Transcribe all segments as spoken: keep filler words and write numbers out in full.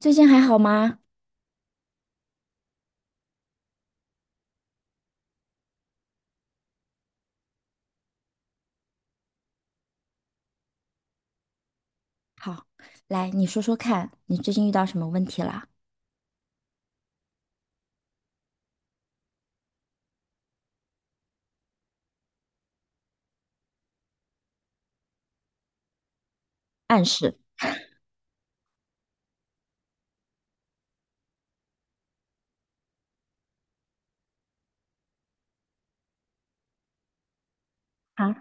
最近还好吗？好，来，你说说看，你最近遇到什么问题了？暗示啊，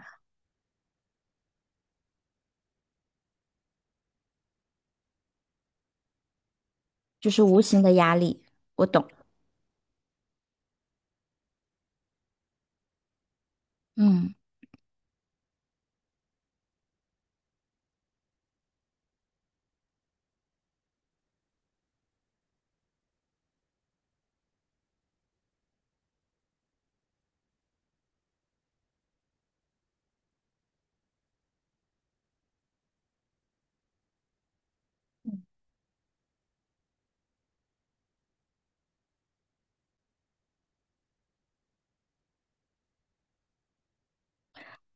就是无形的压力，我懂。嗯。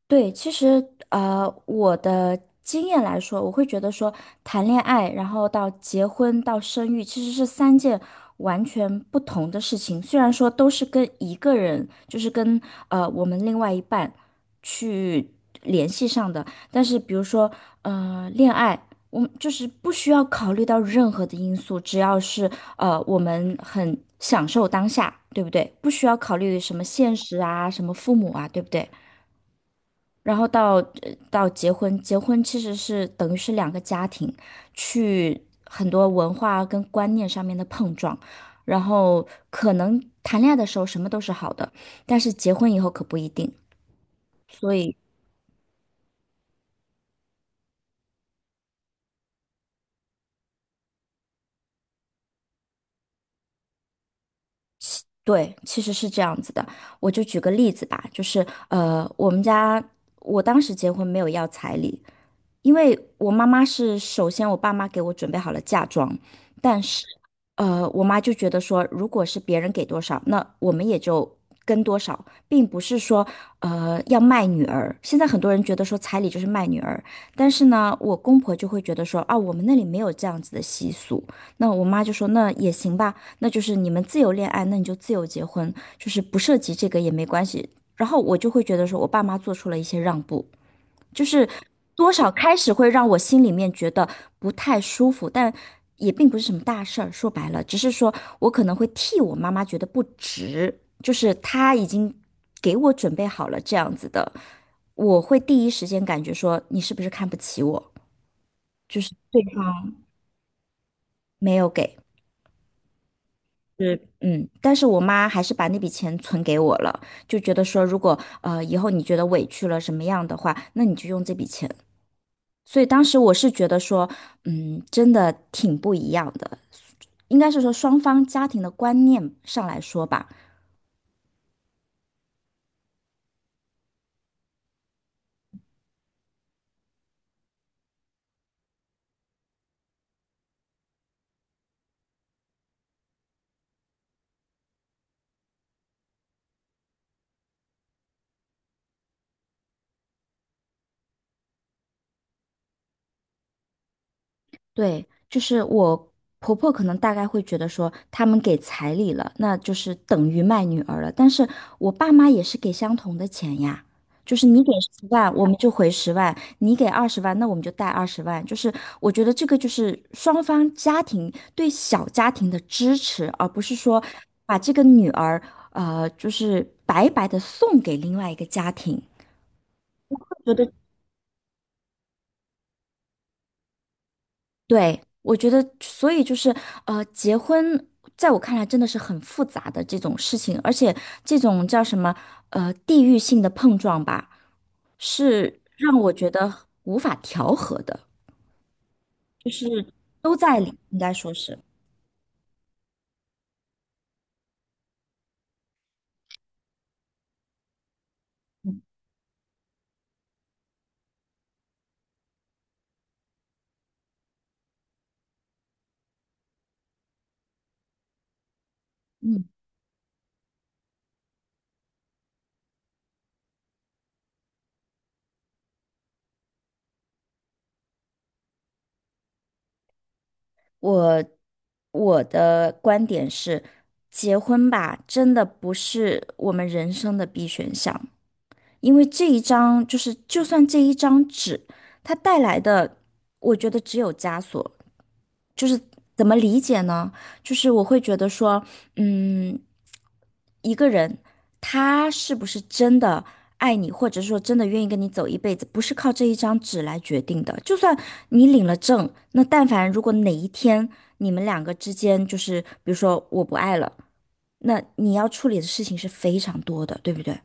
对，其实呃，我的经验来说，我会觉得说，谈恋爱，然后到结婚到生育，其实是三件完全不同的事情。虽然说都是跟一个人，就是跟呃我们另外一半去联系上的，但是比如说呃恋爱，我们就是不需要考虑到任何的因素，只要是呃我们很享受当下，对不对？不需要考虑什么现实啊，什么父母啊，对不对？然后到呃到结婚，结婚其实是等于是两个家庭去很多文化跟观念上面的碰撞，然后可能谈恋爱的时候什么都是好的，但是结婚以后可不一定，所以对，其实是这样子的。我就举个例子吧，就是呃，我们家我当时结婚没有要彩礼，因为我妈妈是首先我爸妈给我准备好了嫁妆，但是呃，我妈就觉得说，如果是别人给多少，那我们也就跟多少，并不是说呃要卖女儿。现在很多人觉得说彩礼就是卖女儿，但是呢，我公婆就会觉得说啊，我们那里没有这样子的习俗。那我妈就说那也行吧，那就是你们自由恋爱，那你就自由结婚，就是不涉及这个也没关系。然后我就会觉得说我爸妈做出了一些让步。就是多少开始会让我心里面觉得不太舒服，但也并不是什么大事儿。说白了，只是说我可能会替我妈妈觉得不值，就是她已经给我准备好了这样子的，我会第一时间感觉说你是不是看不起我，就是对方没有给。是，嗯，但是我妈还是把那笔钱存给我了，就觉得说，如果呃以后你觉得委屈了什么样的话，那你就用这笔钱。所以当时我是觉得说，嗯，真的挺不一样的，应该是说双方家庭的观念上来说吧，对，就是我婆婆可能大概会觉得说，他们给彩礼了，那就是等于卖女儿了。但是我爸妈也是给相同的钱呀，就是你给十万，我们就回十万；你给二十万，那我们就带二十万。就是我觉得这个就是双方家庭对小家庭的支持，而不是说把这个女儿呃，就是白白的送给另外一个家庭。对，我觉得，所以就是，呃，结婚在我看来真的是很复杂的这种事情，而且这种叫什么，呃，地域性的碰撞吧，是让我觉得无法调和的，就是都在里，应该说是，嗯，我我的观点是，结婚吧，真的不是我们人生的必选项，因为这一张就是，就算这一张纸，它带来的，我觉得只有枷锁。就是怎么理解呢？就是我会觉得说，嗯，一个人他是不是真的爱你，或者说真的愿意跟你走一辈子，不是靠这一张纸来决定的。就算你领了证，那但凡如果哪一天你们两个之间就是，比如说我不爱了，那你要处理的事情是非常多的，对不对？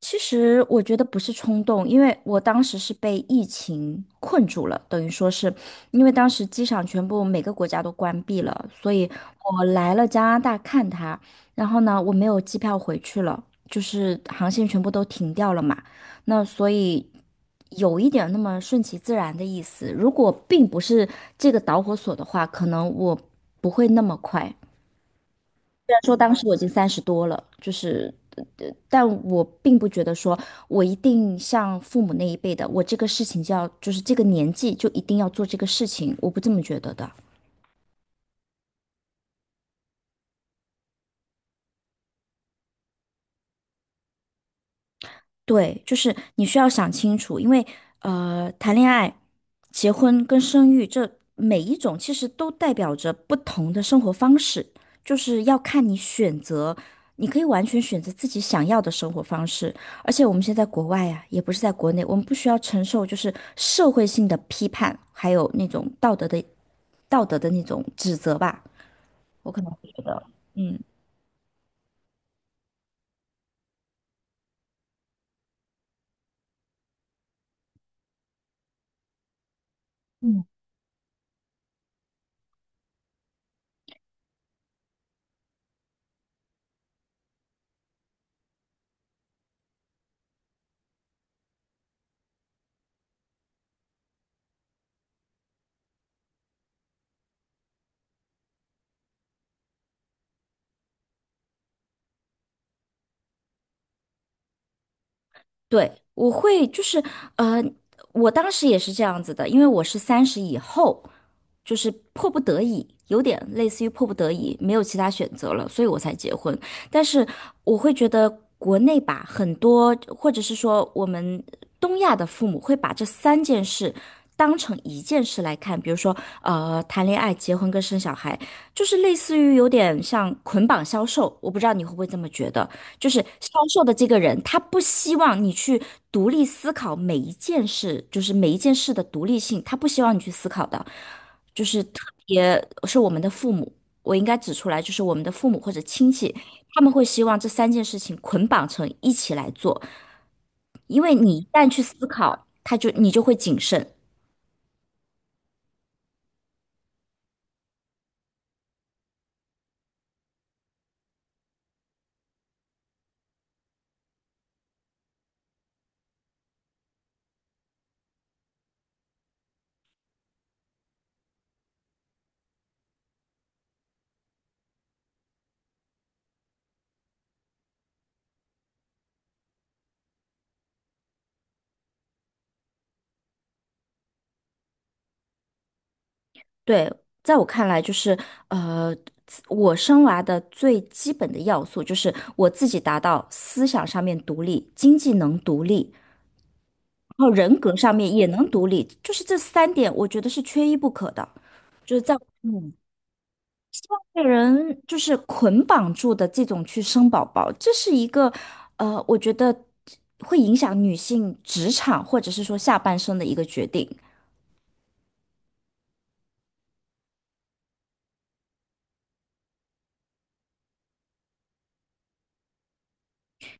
其实我觉得不是冲动，因为我当时是被疫情困住了，等于说是因为当时机场全部每个国家都关闭了，所以我来了加拿大看他，然后呢，我没有机票回去了，就是航线全部都停掉了嘛，那所以有一点那么顺其自然的意思。如果并不是这个导火索的话，可能我不会那么快。然说当时我已经三十多了，就是，呃呃但我并不觉得说我一定像父母那一辈的，我这个事情就要，就是这个年纪就一定要做这个事情，我不这么觉得的。对，就是你需要想清楚，因为呃，谈恋爱、结婚跟生育这每一种其实都代表着不同的生活方式，就是要看你选择，你可以完全选择自己想要的生活方式。而且我们现在在国外呀、也不是在国内，我们不需要承受就是社会性的批判，还有那种道德的道德的那种指责吧。我可能会觉得。嗯。对，我会就是，呃，我当时也是这样子的，因为我是三十以后，就是迫不得已，有点类似于迫不得已，没有其他选择了，所以我才结婚。但是我会觉得国内吧，很多或者是说我们东亚的父母会把这三件事当成一件事来看，比如说，呃，谈恋爱、结婚跟生小孩，就是类似于有点像捆绑销售，我不知道你会不会这么觉得。就是销售的这个人，他不希望你去独立思考每一件事，就是每一件事的独立性，他不希望你去思考的，就是特别是我们的父母，我应该指出来，就是我们的父母或者亲戚，他们会希望这三件事情捆绑成一起来做，因为你一旦去思考，他就你就会谨慎，对，在我看来，就是呃，我生娃的最基本的要素就是我自己达到思想上面独立，经济能独立，然后人格上面也能独立，就是这三点，我觉得是缺一不可的。就是在嗯，被人就是捆绑住的这种去生宝宝，这是一个呃，我觉得会影响女性职场或者是说下半生的一个决定。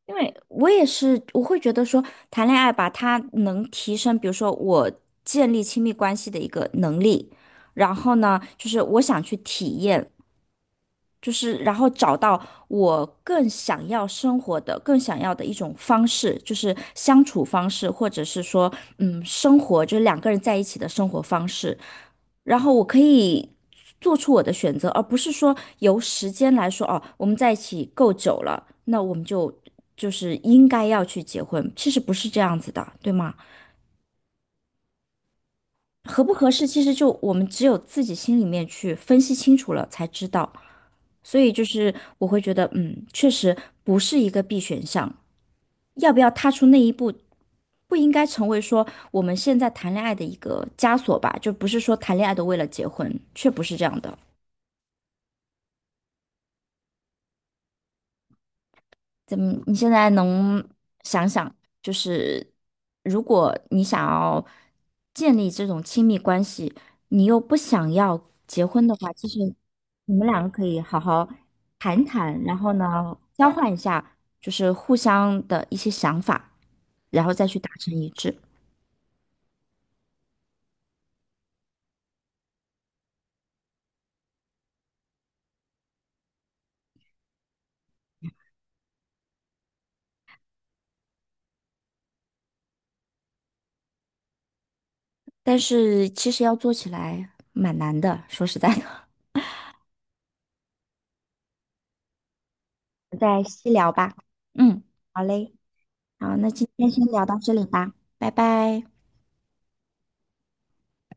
因为我也是，我会觉得说，谈恋爱吧，它能提升，比如说我建立亲密关系的一个能力，然后呢，就是我想去体验，就是然后找到我更想要生活的、更想要的一种方式，就是相处方式，或者是说，嗯，生活就是两个人在一起的生活方式。然后我可以做出我的选择，而不是说由时间来说，哦，我们在一起够久了，那我们就就是应该要去结婚，其实不是这样子的，对吗？合不合适，其实就我们只有自己心里面去分析清楚了才知道。所以就是我会觉得，嗯，确实不是一个必选项。要不要踏出那一步，不应该成为说我们现在谈恋爱的一个枷锁吧？就不是说谈恋爱都为了结婚，却不是这样的。怎么？你现在能想想，就是如果你想要建立这种亲密关系，你又不想要结婚的话，其实你们两个可以好好谈谈，然后呢，交换一下，就是互相的一些想法，然后再去达成一致。但是其实要做起来蛮难的，说实在的，我们再细聊吧。嗯，好嘞，好，那今天先聊到这里吧，拜拜。